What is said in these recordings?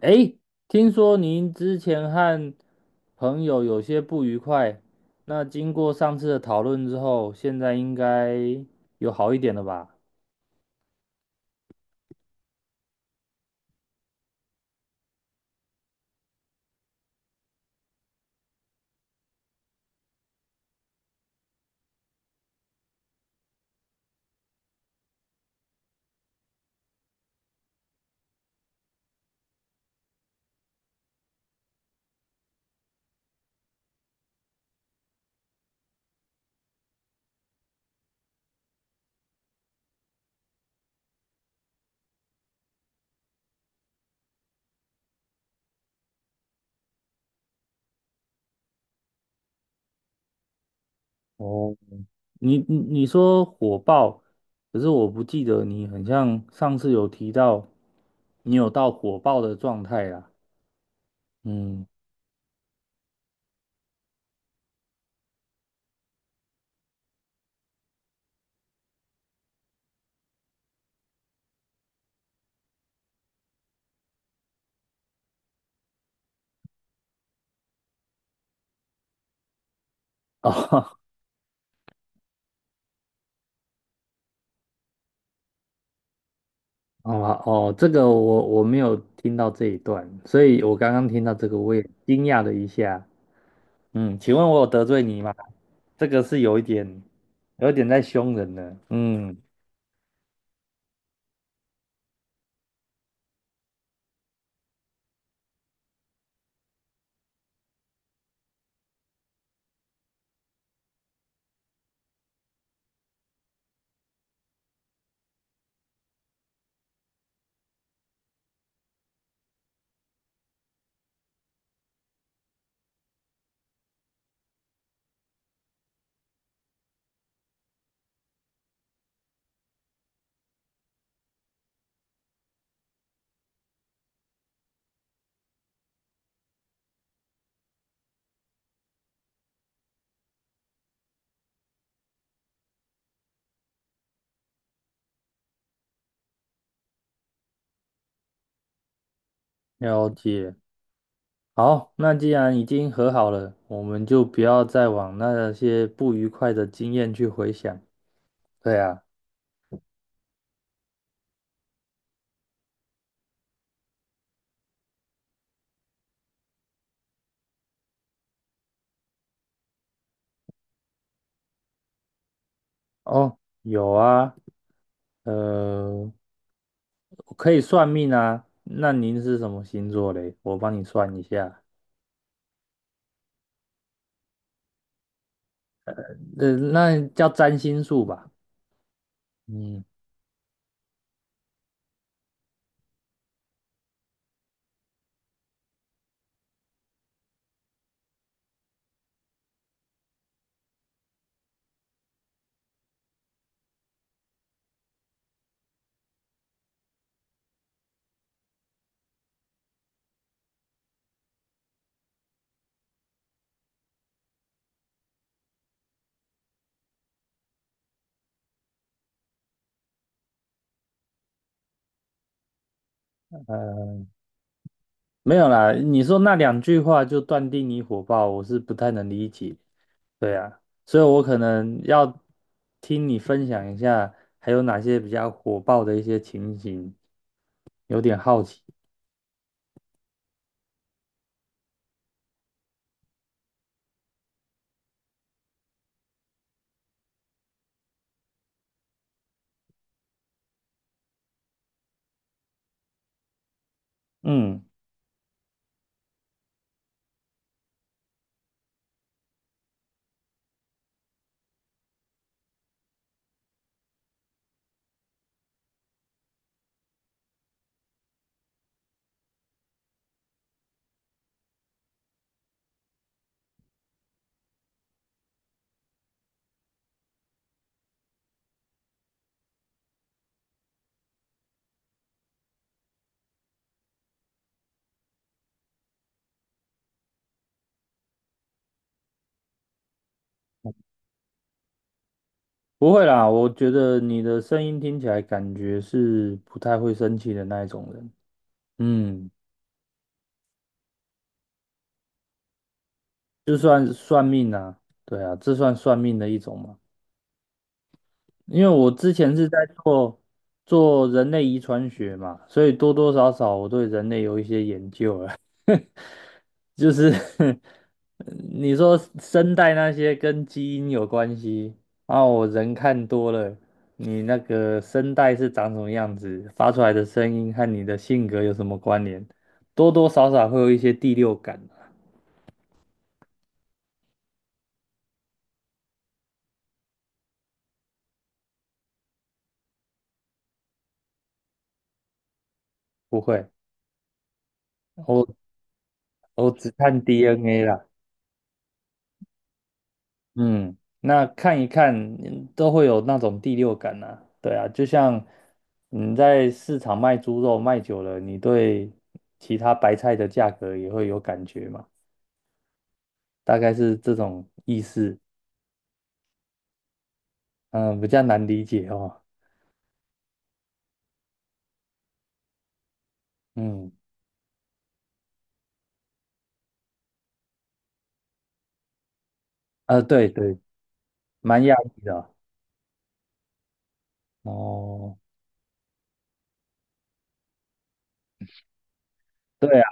诶，听说您之前和朋友有些不愉快，那经过上次的讨论之后，现在应该有好一点了吧？哦，你说火爆，可是我不记得你很像上次有提到你有到火爆的状态啦。嗯，哦，好吧，哦，这个我没有听到这一段，所以我刚刚听到这个，我也惊讶了一下。嗯，请问我有得罪你吗？这个是有一点，有一点在凶人了。嗯，了解。好，那既然已经和好了，我们就不要再往那些不愉快的经验去回想。对啊，哦，有啊，呃，可以算命啊。那您是什么星座嘞？我帮你算一下。呃，那叫占星术吧。嗯，呃，没有啦。你说那两句话就断定你火爆，我是不太能理解。对呀，所以我可能要听你分享一下，还有哪些比较火爆的一些情形，有点好奇。嗯，不会啦，我觉得你的声音听起来感觉是不太会生气的那一种人。嗯，就算算命啊，对啊，这算算命的一种嘛。因为我之前是在做人类遗传学嘛，所以多多少少我对人类有一些研究了。就是 你说声带那些跟基因有关系，然后我人看多了，你那个声带是长什么样子，发出来的声音和你的性格有什么关联，多多少少会有一些第六感啊。不会，我我只看 DNA 啦。嗯，那看一看嗯都会有那种第六感啊。对啊，就像你在市场卖猪肉卖久了，你对其他白菜的价格也会有感觉嘛。大概是这种意思，嗯，比较难理解哦，嗯，啊，对对，蛮压抑的啊。哦，对啊，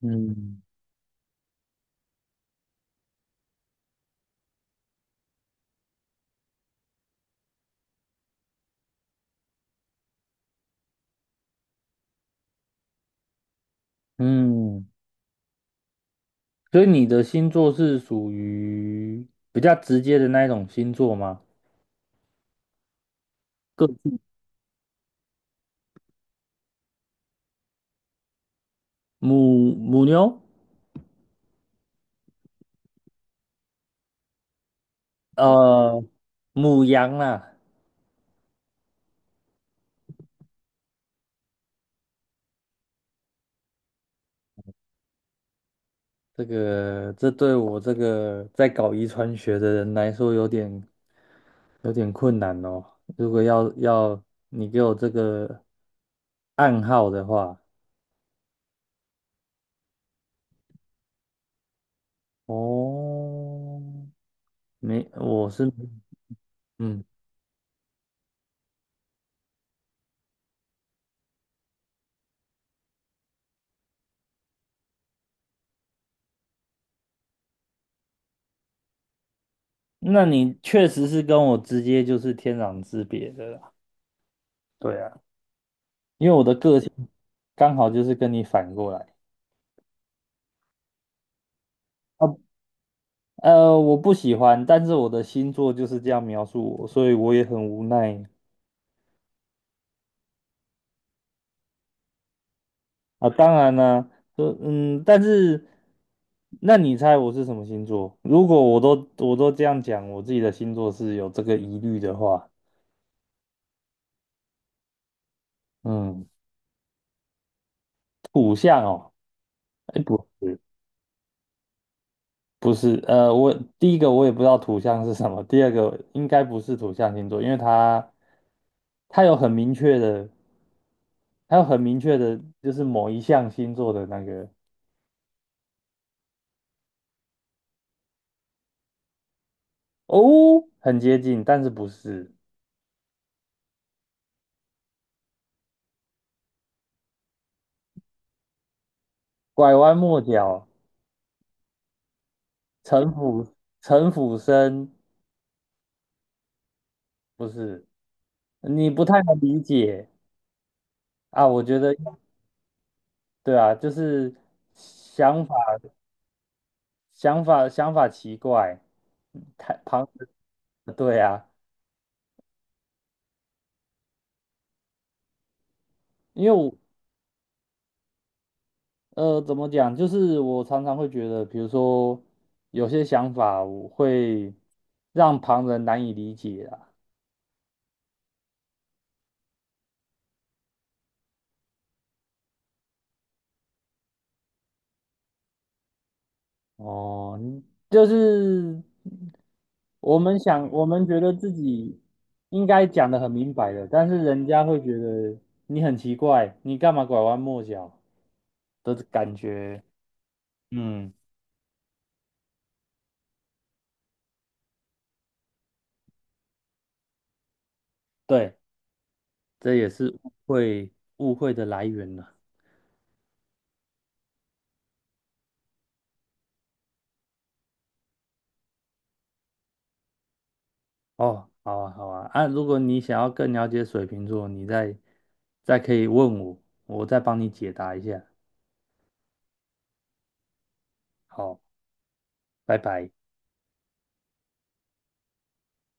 嗯嗯，所以你的星座是属于比较直接的那一种星座吗？个母牛，呃，母羊啦，这个这对我这个在搞遗传学的人来说有点有点困难哦。如果要你给我这个暗号的话，哦，没，我是嗯，那你确实是跟我直接就是天壤之别的啦。对啊，因为我的个性刚好就是跟你反过来。啊，我不喜欢，但是我的星座就是这样描述我，所以我也很无奈，啊，当然啦，但是，那你猜我是什么星座？如果我都这样讲，我自己的星座是有这个疑虑的话，嗯，土象哦，哎，不是，不是，我第一个我也不知道土象是什么，第二个应该不是土象星座，因为它有很明确的，它有很明确的，就是某一项星座的那个哦，很接近，但是不是，拐弯抹角，城府城府深。不是，你不太能理解啊。我觉得，对啊，就是想法、想法奇怪，太旁，对啊，因为我，怎么讲，就是我常常会觉得，比如说有些想法，我会让旁人难以理解啊。哦，就是我们想，我们觉得自己应该讲的很明白的，但是人家会觉得你很奇怪，你干嘛拐弯抹角的感觉。嗯，对，这也是误会的来源了。哦，好啊，好啊，啊，如果你想要更了解水瓶座，你再可以问我，我再帮你解答一下。好，拜拜。